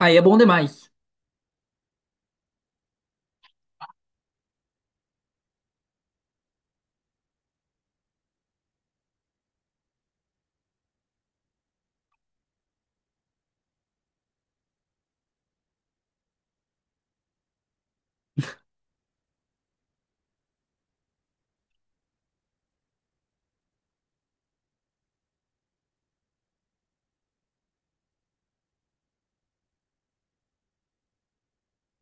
Aí é bom demais.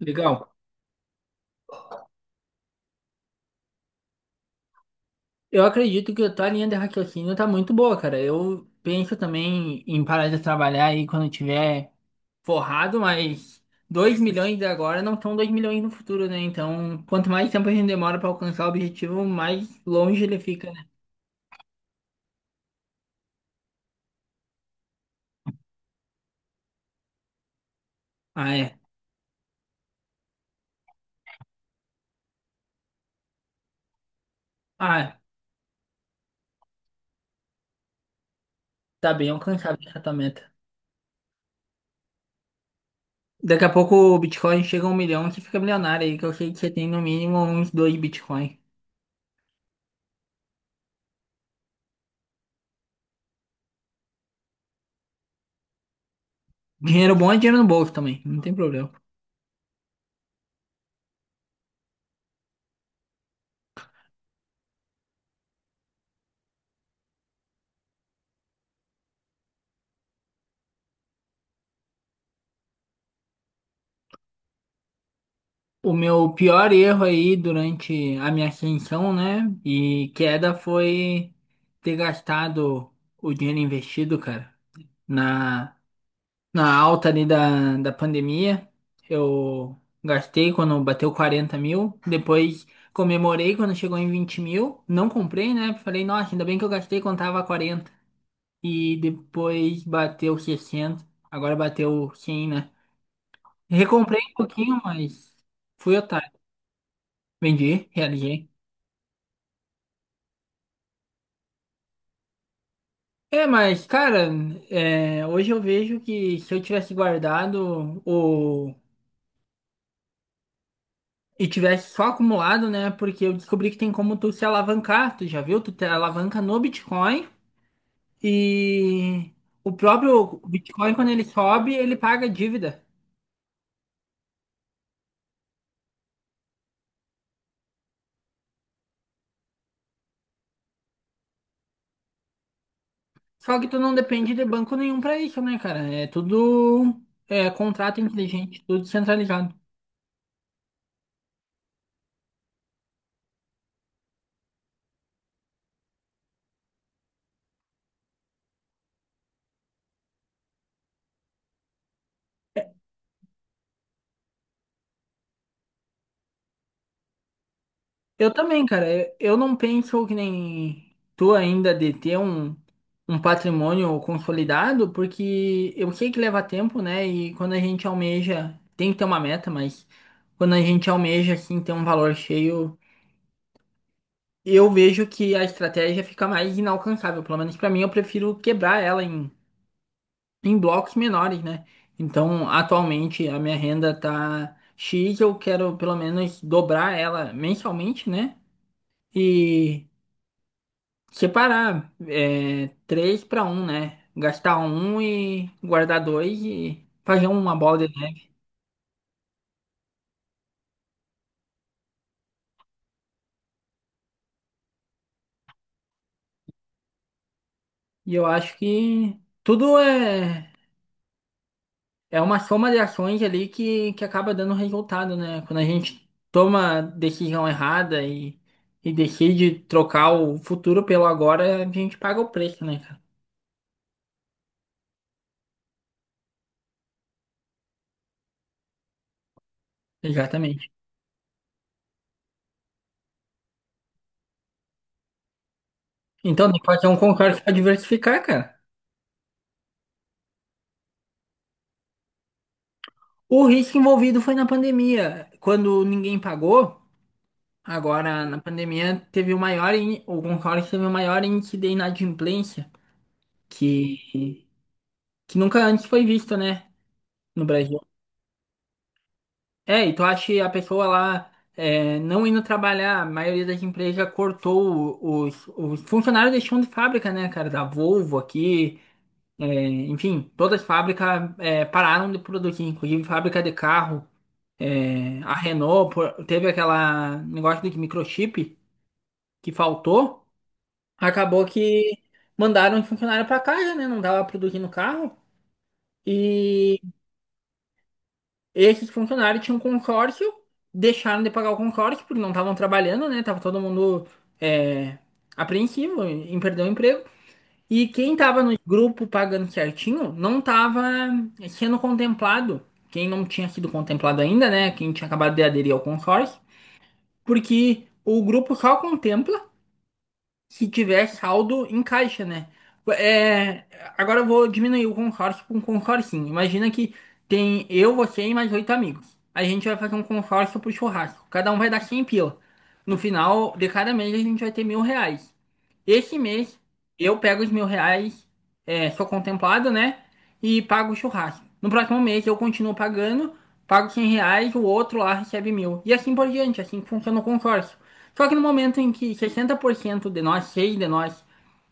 Legal. Eu acredito que a tua linha de raciocínio tá muito boa, cara. Eu penso também em parar de trabalhar aí quando eu tiver forrado, mas 2 milhões de agora não são 2 milhões no futuro, né? Então, quanto mais tempo a gente demora pra alcançar o objetivo, mais longe ele fica, né? Ah, é. Ah, é. Tá bem alcançável essa meta. Daqui a pouco o Bitcoin chega a um milhão, e você fica milionário aí, que eu sei que você tem no mínimo uns dois Bitcoin. Dinheiro bom é dinheiro no bolso também, não tem problema. O meu pior erro aí durante a minha ascensão, né? E queda foi ter gastado o dinheiro investido, cara. Na, na alta ali da pandemia, eu gastei quando bateu 40 mil. Depois comemorei quando chegou em 20 mil. Não comprei, né? Falei, nossa, ainda bem que eu gastei quando tava 40. E depois bateu 60. Agora bateu 100, né? Recomprei um pouquinho, mas fui otário. Vendi, realizei. É, mas, cara, é, hoje eu vejo que se eu tivesse guardado o... e tivesse só acumulado, né? Porque eu descobri que tem como tu se alavancar, tu já viu? Tu te alavanca no Bitcoin e o próprio Bitcoin, quando ele sobe, ele paga dívida. Só que tu não depende de banco nenhum pra isso, né, cara? É tudo é, contrato inteligente, tudo centralizado. Eu também, cara. Eu não penso que nem tu ainda de ter um patrimônio consolidado, porque eu sei que leva tempo, né? E quando a gente almeja, tem que ter uma meta, mas quando a gente almeja, assim, ter um valor cheio, eu vejo que a estratégia fica mais inalcançável. Pelo menos pra mim, eu prefiro quebrar ela em blocos menores, né? Então, atualmente, a minha renda tá X, eu quero pelo menos dobrar ela mensalmente, né? E. Separar é, três para um, né? Gastar um e guardar dois e fazer uma bola de neve. E eu acho que tudo é uma soma de ações ali que acaba dando resultado, né? Quando a gente toma decisão errada e decide trocar o futuro pelo agora, a gente paga o preço, né, cara? Exatamente. Então, tem que fazer um concurso para diversificar, cara. O risco envolvido foi na pandemia, quando ninguém pagou. Agora, na pandemia, teve o maior, o Concorde teve o maior índice de inadimplência que, que nunca antes foi visto, né, no Brasil. É, e tu acha que a pessoa lá é, não indo trabalhar, a maioria das empresas cortou os funcionários deixando de fábrica, né, cara, da Volvo aqui, é, enfim, todas as fábricas é, pararam de produzir, inclusive fábrica de carro, é, a Renault teve aquela negócio de microchip que faltou. Acabou que mandaram um funcionário para casa, né? Não dava produzir no carro. E esses funcionários tinham um consórcio, deixaram de pagar o consórcio porque não estavam trabalhando, né? Tava todo mundo é, apreensivo em perder o emprego. E quem tava no grupo pagando certinho não tava sendo contemplado. Quem não tinha sido contemplado ainda, né? Quem tinha acabado de aderir ao consórcio. Porque o grupo só contempla se tiver saldo em caixa, né? É, agora eu vou diminuir o consórcio para um consorcinho. Imagina que tem eu, você e mais oito amigos. A gente vai fazer um consórcio pro churrasco. Cada um vai dar 100 pila. No final de cada mês a gente vai ter mil reais. Esse mês eu pego os mil reais, é, sou contemplado, né? E pago o churrasco. No próximo mês eu continuo pagando, pago 100 reais, o outro lá recebe mil. E assim por diante, assim que funciona o consórcio. Só que no momento em que 60% de nós, seis de nós,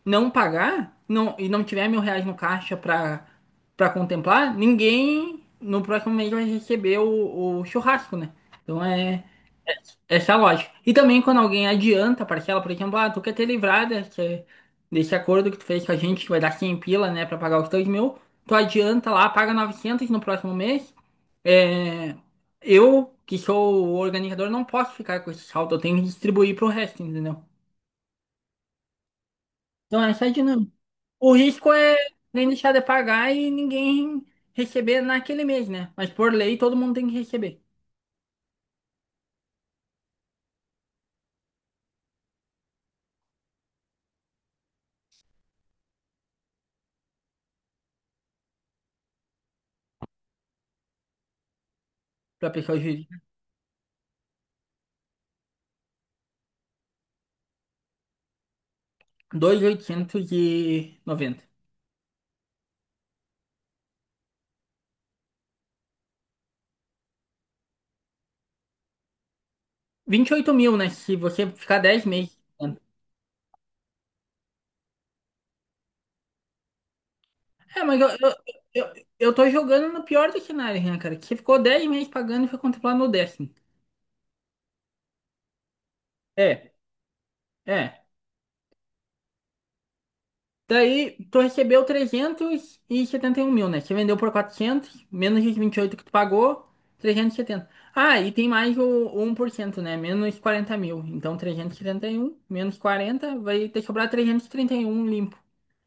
não pagar não, e não tiver mil reais no caixa pra contemplar, ninguém no próximo mês vai receber o churrasco, né? Então é, essa é a lógica. E também quando alguém adianta a parcela, por exemplo, ah, tu quer ter livrada desse acordo que tu fez com a gente, que vai dar 100 pila, né, pra pagar os 2 mil, tu adianta lá, paga 900 no próximo mês. É, eu, que sou o organizador, não posso ficar com esse saldo, eu tenho que distribuir pro resto, entendeu? Então essa é a dinâmica. O risco é nem deixar de pagar e ninguém receber naquele mês, né? Mas por lei todo mundo tem que receber, pra pessoa jurídica. 2.890, 28 mil, né? Se você ficar 10 meses. É, mas eu tô jogando no pior dos cenários, né, cara? Que você ficou 10 meses pagando e foi contemplado no décimo. É, é. Daí, tu recebeu trezentos e setenta e um mil, né? Você vendeu por 400 menos os 28 que tu pagou, 370. Ah, e tem mais o um por cento, né? Menos 40 mil. Então, 371 menos 40 vai te sobrar trezentos e trinta e um limpo.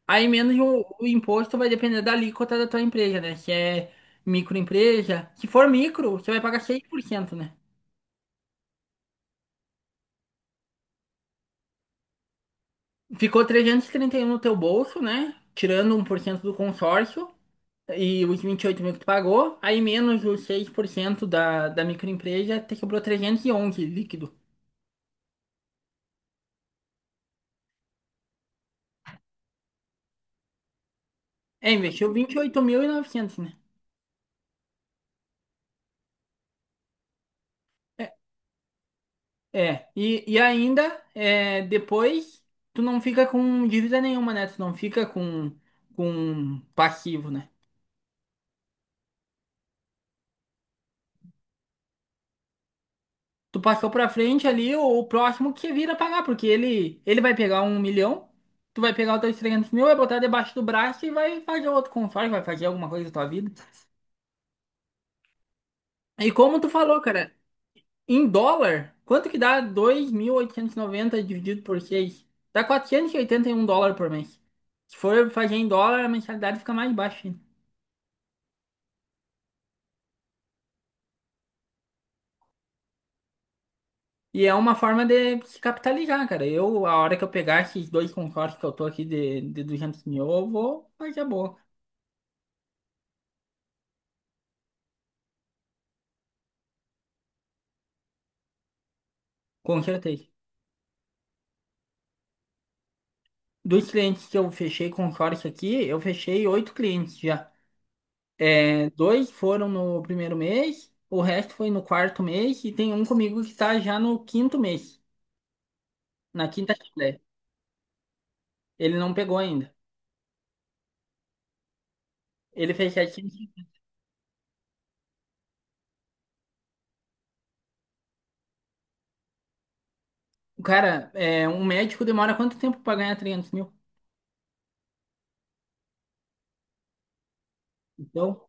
Aí, menos o imposto vai depender da alíquota da tua empresa, né? Se é microempresa. Se for micro, você vai pagar 6%, né? Ficou trezentos e trinta e um no teu bolso, né? Tirando um por cento do consórcio. E os 28 mil que tu pagou, aí menos os 6% da microempresa, te sobrou 311 líquido. É, investiu 28.900, né? É, é. E ainda, é, depois, tu não fica com dívida nenhuma, né? Tu não fica com passivo, né? Tu passou pra frente ali, o próximo que vira pagar, porque ele vai pegar um milhão, tu vai pegar os teus 300 mil, vai botar debaixo do braço e vai fazer outro consórcio, vai fazer alguma coisa da tua vida. E como tu falou, cara. Em dólar, quanto que dá 2.890 dividido por seis? Dá quatrocentos e oitenta e um dólares por mês. Se for fazer em dólar, a mensalidade fica mais baixa ainda. E é uma forma de se capitalizar, cara. Eu, a hora que eu pegar esses dois consórcios que eu tô aqui de 200 mil, eu vou fazer a boa. Com certeza. Dos clientes que eu fechei consórcio aqui, eu fechei oito clientes já. É, dois foram no primeiro mês, o resto foi no quarto mês, e tem um comigo que tá já no quinto mês, na quinta. Ele não pegou ainda. Ele fez 700. Cara, é, um médico demora quanto tempo pra ganhar 300 mil? Então,